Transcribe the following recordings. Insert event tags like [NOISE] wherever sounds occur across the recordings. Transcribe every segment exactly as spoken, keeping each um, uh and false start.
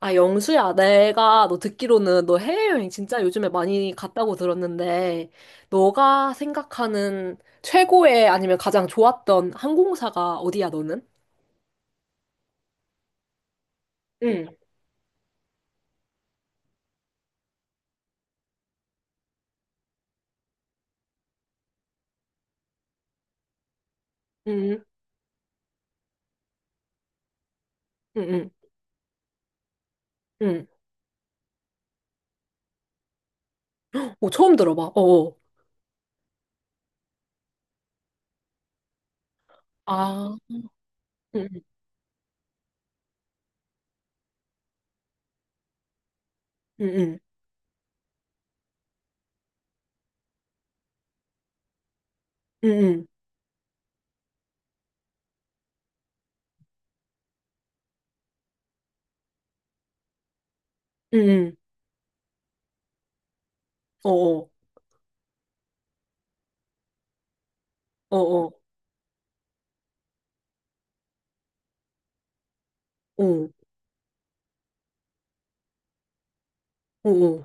아, 영수야, 내가 너 듣기로는 너 해외여행 진짜 요즘에 많이 갔다고 들었는데, 너가 생각하는 최고의 아니면 가장 좋았던 항공사가 어디야, 너는? 응, 응, 응, 응, 응. 오, 처음 들어봐. 어어. 아, 응, 응, 응, 응, 응, 응, 어어, 어어, 어, 어어.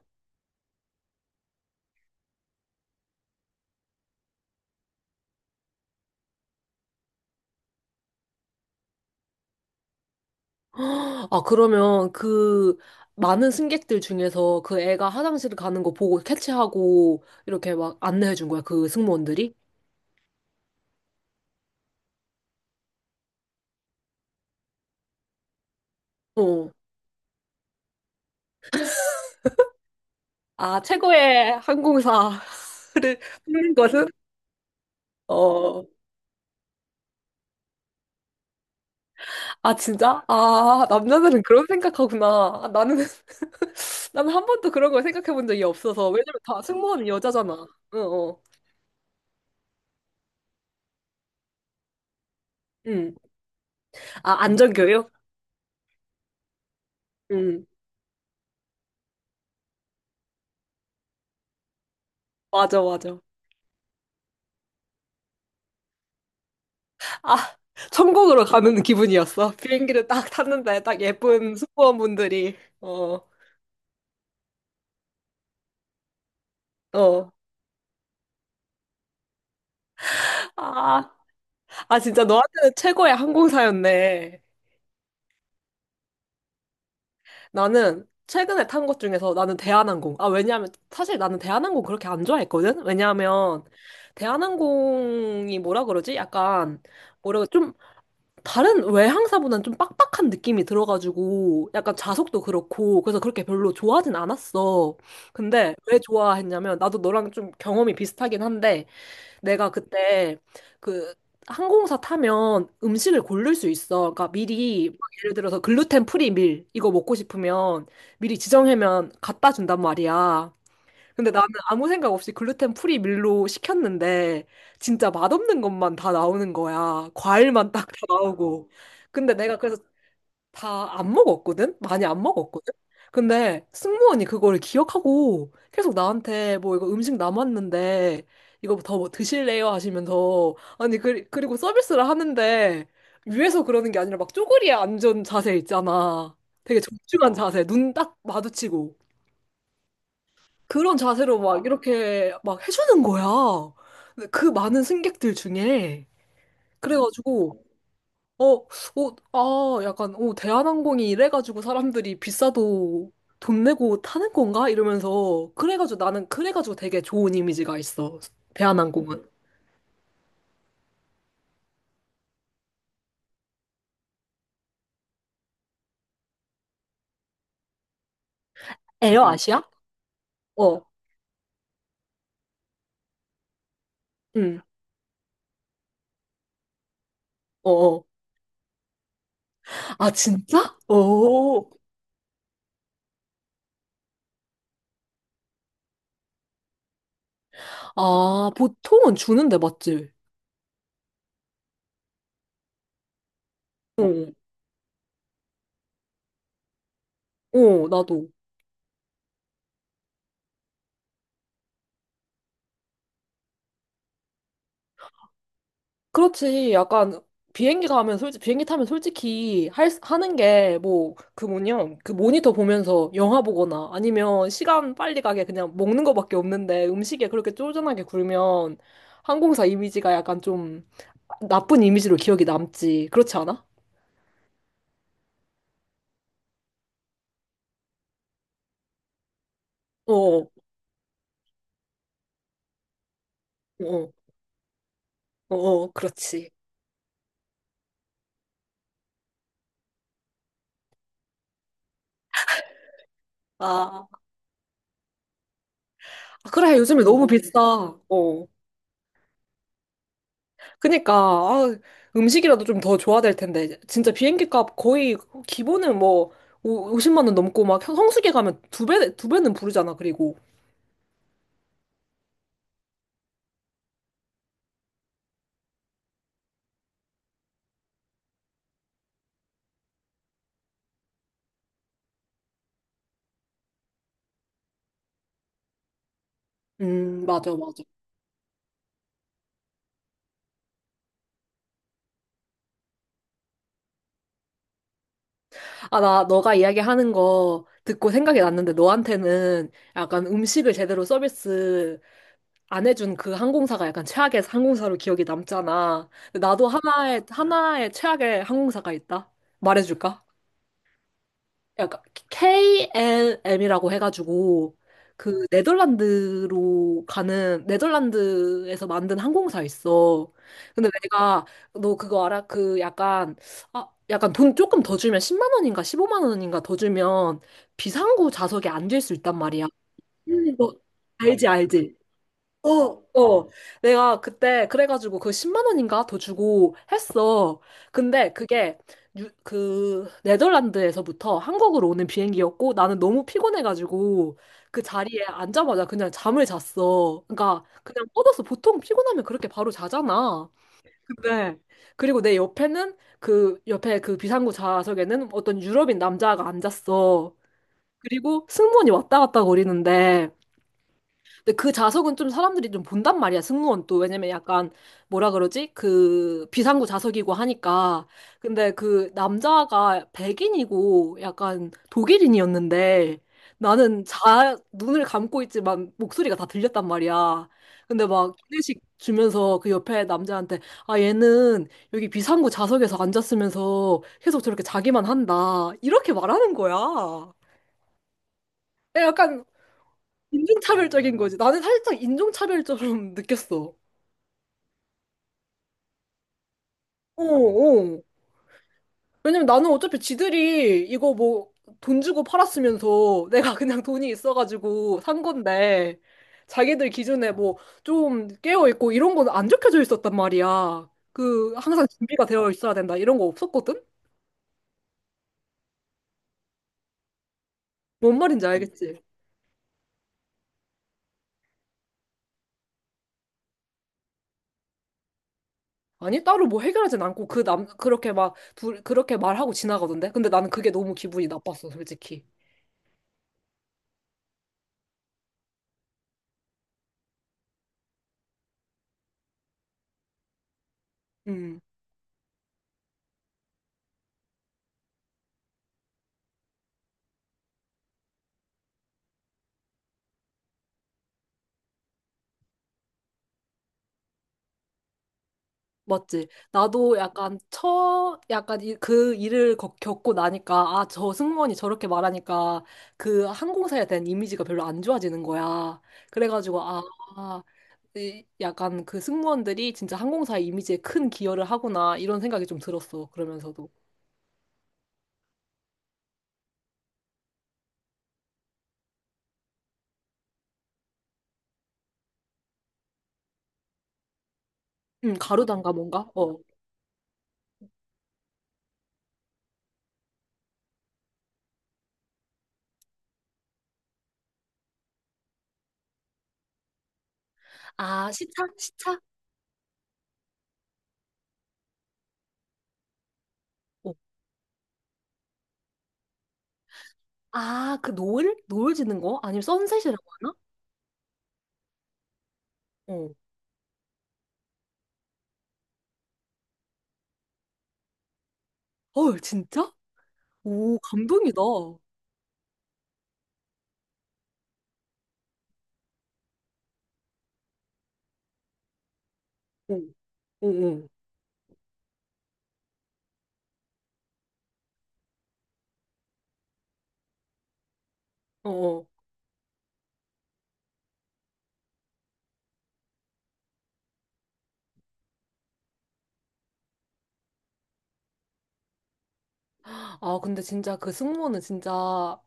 아, 그러면 그 많은 승객들 중에서 그 애가 화장실 가는 거 보고 캐치하고 이렇게 막 안내해 준 거야, 그 승무원들이? 어. 아, 최고의 항공사를 [LAUGHS] 뽑는 것은? 어, 아, 진짜? 아, 남자들은 그런 생각하구나. 아, 나는, [LAUGHS] 나는 한 번도 그런 걸 생각해 본 적이 없어서. 왜냐면 다 승무원이 여자잖아. 어, 어. 응. 아, 안전교육? 응. 맞아, 맞아. 아, 천국으로 가는 기분이었어. 비행기를 딱 탔는데, 딱 예쁜 승무원분들이. 어, 어. 아, 아, 진짜 너한테는 최고의 항공사였네. 나는 최근에 탄 것 중에서 나는 대한항공. 아, 왜냐하면 사실 나는 대한항공 그렇게 안 좋아했거든? 왜냐하면 대한항공이 뭐라 그러지? 약간 뭐라고 좀 다른 외항사보다는 좀 빡빡한 느낌이 들어가지고 약간 좌석도 그렇고 그래서 그렇게 별로 좋아하진 않았어. 근데 왜 좋아했냐면 나도 너랑 좀 경험이 비슷하긴 한데 내가 그때 그 항공사 타면 음식을 고를 수 있어. 그러니까 미리 막 예를 들어서 글루텐 프리 밀 이거 먹고 싶으면 미리 지정하면 갖다 준단 말이야. 근데 나는 아무 생각 없이 글루텐 프리 밀로 시켰는데 진짜 맛없는 것만 다 나오는 거야. 과일만 딱 다 나오고. 근데 내가 그래서 다 안 먹었거든? 많이 안 먹었거든? 근데 승무원이 그걸 기억하고 계속 나한테 뭐 이거 음식 남았는데 이거 더뭐 드실래요? 하시면서 아니 그, 그리고 서비스를 하는데 위에서 그러는 게 아니라 막 쪼그리에 앉은 자세 있잖아. 되게 정중한 어. 자세, 눈 딱 마주치고 그런 자세로 막 이렇게 막 해주는 거야. 근데 그 많은 승객들 중에 그래가지고 어, 어, 아, 약간, 어, 대한항공이 이래가지고 사람들이 비싸도 돈 내고 타는 건가? 이러면서, 그래가지고 나는, 그래가지고 되게 좋은 이미지가 있어. 대한항공은. 에어아시아? 어, 응, 어, 어. 아, 진짜? 어, 아, 보통은 주는데, 맞지? 어, 어, 나도. 그렇지. 약간 비행기 가면 솔직 비행기 타면 솔직히 할 수- 하는 게 뭐 그 뭐냐 그 모니터 보면서 영화 보거나 아니면 시간 빨리 가게 그냥 먹는 거밖에 없는데 음식에 그렇게 쫄깃하게 굴면 항공사 이미지가 약간 좀 나쁜 이미지로 기억이 남지. 그렇지 않아? 어, 어, 어, 어, 어, 그렇지. 아, 그래. 요즘에 너무 음. 비싸. 어. 그니까 아, 음식이라도 좀 더 줘야 될 텐데 진짜 비행기 값 거의 기본은 뭐 오- 오십만 원 넘고 막 성수기 가면 두 배, 두 배는 부르잖아 그리고 음 맞아 맞아. 아, 나 너가 이야기하는 거 듣고 생각이 났는데 너한테는 약간 음식을 제대로 서비스 안 해준 그 항공사가 약간 최악의 항공사로 기억이 남잖아. 근데 나도 하나의 하나의 최악의 항공사가 있다 말해줄까? 약간 케이엘엠이라고 해가지고 그 네덜란드로 가는 네덜란드에서 만든 항공사 있어. 근데 내가 너 그거 알아? 그 약간 아 약간 돈 조금 더 주면 십만 원인가 십오만 원인가 더 주면 비상구 좌석에 앉을 수 있단 말이야. 음. 너 알지 알지? 어, 어. 내가 그때 그래가지고 그 십만 원인가 더 주고 했어. 근데 그게 유- 그 네덜란드에서부터 한국으로 오는 비행기였고 나는 너무 피곤해가지고 그 자리에 앉자마자 그냥 잠을 잤어. 그러니까 그냥 뻗어서 보통 피곤하면 그렇게 바로 자잖아. 네. 그리고 내 옆에는 그 옆에 그 비상구 좌석에는 어떤 유럽인 남자가 앉았어. 그리고 승무원이 왔다 갔다 거리는데 근데 그 좌석은 좀 사람들이 좀 본단 말이야, 승무원 또. 왜냐면 약간, 뭐라 그러지? 그, 비상구 좌석이고 하니까. 근데 그 남자가 백인이고 약간 독일인이었는데 나는 자, 눈을 감고 있지만 목소리가 다 들렸단 말이야. 근데 막 기내식 주면서 그 옆에 남자한테 아, 얘는 여기 비상구 좌석에서 앉았으면서 계속 저렇게 자기만 한다. 이렇게 말하는 거야. 약간 인종차별적인 거지. 나는 살짝 인종차별처럼 [LAUGHS] 느꼈어. 어, 어. 왜냐면 나는 어차피 지들이 이거 뭐 돈 주고 팔았으면서 내가 그냥 돈이 있어가지고 산 건데 자기들 기준에 뭐 좀 깨어있고 이런 건 안 적혀져 있었단 말이야. 그 항상 준비가 되어 있어야 된다 이런 거 없었거든? 뭔 말인지 알겠지? 아니 따로 뭐 해결하진 않고 그 남 그렇게 막 둘- 그렇게 말하고 지나가던데? 근데 나는 그게 너무 기분이 나빴어 솔직히. 음. 맞지? 나도 약간 처, 약간 이, 그 일을 겪- 겪고 나니까, 아, 저 승무원이 저렇게 말하니까 그 항공사에 대한 이미지가 별로 안 좋아지는 거야. 그래가지고, 아, 아, 이- 약간 그 승무원들이 진짜 항공사의 이미지에 큰 기여를 하구나, 이런 생각이 좀 들었어. 그러면서도. 음, 가루단가 뭔가? 어. 아, 시차? 시차? 어. 아, 그 노을? 노을 지는 거? 아니면 선셋이라고 하나? 어. 헐, 진짜? 오, 감동이다. 어, 어, 어. 어, 어. 아, 근데 진짜 그 승무원은 진짜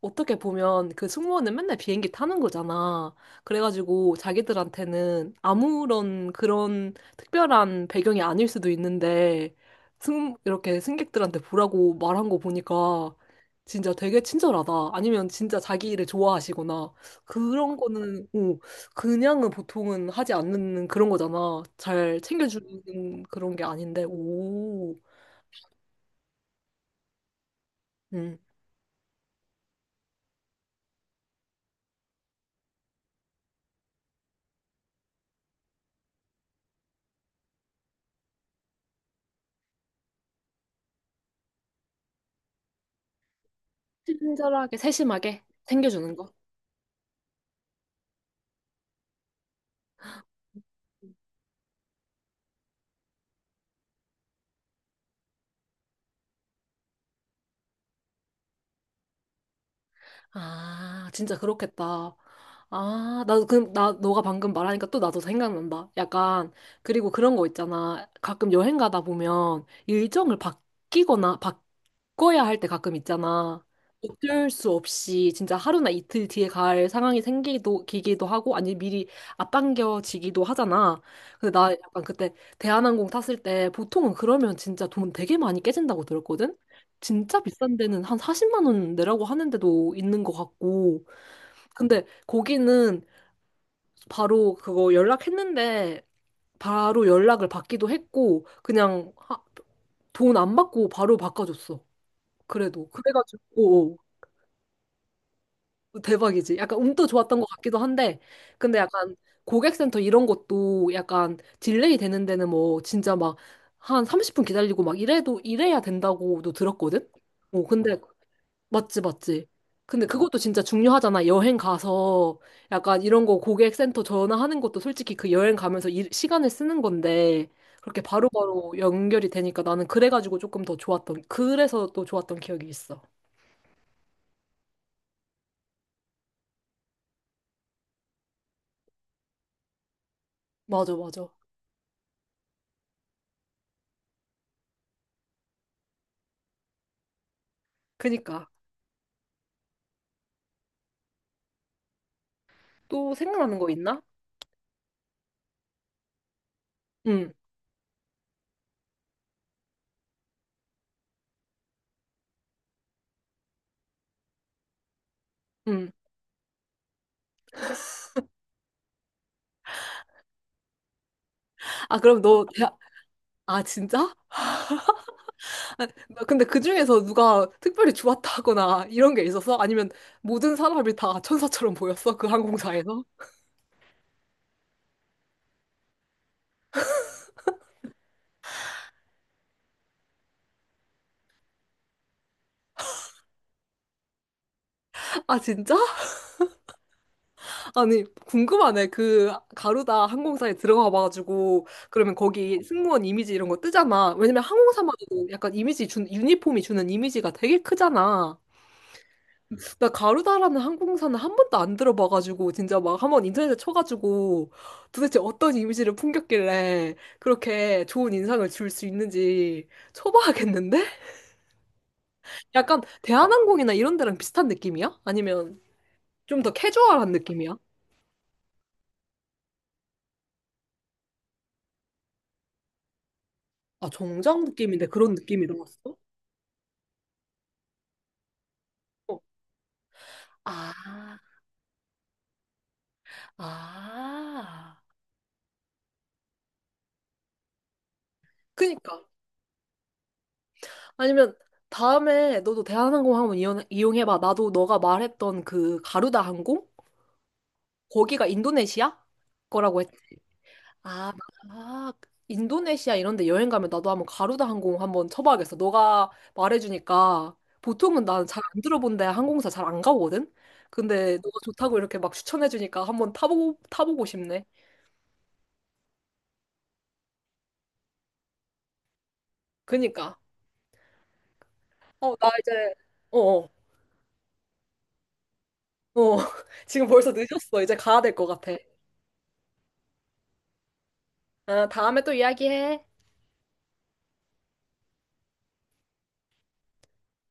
어떻게 보면 그 승무원은 맨날 비행기 타는 거잖아. 그래가지고 자기들한테는 아무런 그런 특별한 배경이 아닐 수도 있는데 승, 이렇게 승객들한테 보라고 말한 거 보니까 진짜 되게 친절하다. 아니면 진짜 자기 일을 좋아하시거나 그런 거는, 어, 그냥은 보통은 하지 않는 그런 거잖아. 잘 챙겨주는 그런 게 아닌데, 오. 음. 친절하게, 세심하게 챙겨주는 거. 아, 진짜 그렇겠다. 아, 나도 그, 나, 너가 방금 말하니까 또 나도 생각난다. 약간, 그리고 그런 거 있잖아. 가끔 여행 가다 보면 일정을 바뀌거나 바꿔야 할 때 가끔 있잖아. 어쩔 수 없이 진짜 하루나 이틀 뒤에 갈 상황이 생기기도 기기도 하고 아니 미리 앞당겨지기도 하잖아. 근데 나 약간 그때 대한항공 탔을 때 보통은 그러면 진짜 돈 되게 많이 깨진다고 들었거든. 진짜 비싼 데는 한 사십만 원 내라고 하는 데도 있는 것 같고. 근데 거기는 바로 그거 연락했는데 바로 연락을 받기도 했고 그냥 돈 안 받고 바로 바꿔줬어. 그래도. 그래가지고 오, 대박이지. 약간 운도 좋았던 것 같기도 한데 근데 약간 고객센터 이런 것도 약간 딜레이 되는 데는 뭐 진짜 막 한 삼십 분 기다리고 막 이래도 이래야 된다고도 들었거든. 어, 근데 맞지, 맞지. 근데 어, 그것도 진짜 중요하잖아. 여행 가서 약간 이런 거 고객센터 전화하는 것도 솔직히 그 여행 가면서 일, 시간을 쓰는 건데 그렇게 바로바로 연결이 되니까 나는 그래가지고 조금 더 좋았던, 그래서 또 좋았던 기억이 있어. 맞아, 맞아. 그니까. 또 생각나는 거 있나? 응, 응. 아, 그럼 너, 대학- 아, 진짜? 아, 나 근데 그 중에서 누가 특별히 좋았다거나 이런 게 있었어? 아니면 모든 사람이 다 천사처럼 보였어? 그 항공사에서? 아, 진짜? 아니, 궁금하네. 그 가루다 항공사에 들어가 봐가지고 그러면 거기 승무원 이미지 이런 거 뜨잖아. 왜냐면 항공사마저도 약간 이미지 준 유니폼이 주는 이미지가 되게 크잖아. 나 가루다라는 항공사는 한 번도 안 들어봐가지고 진짜 막 한번 인터넷에 쳐가지고 도대체 어떤 이미지를 풍겼길래 그렇게 좋은 인상을 줄 수 있는지 쳐봐야겠는데? 약간 대한항공이나 이런 데랑 비슷한 느낌이야? 아니면 좀 더 캐주얼한 느낌이야? 아, 정장 느낌인데 그런 느낌이 들었어? 아, 아. 그니까. 아니면 다음에 너도 대한항공 한번 이용, 이용해봐. 나도 너가 말했던 그 가루다 항공? 거기가 인도네시아? 거라고 했. 아, 아, 인도네시아 이런 데 여행 가면 나도 한번 가루다 항공 한번 쳐봐야겠어. 너가 말해주니까 보통은 나는 잘 안 들어본 데 항공사 잘 안 가거든? 근데 너가 좋다고 이렇게 막 추천해주니까 한번 타보고, 타보고 싶네. 그니까. 어, 나 이제, 어어. 어, [LAUGHS] 지금 벌써 늦었어. 이제 가야 될 것 같아. 아, 다음에 또 이야기해.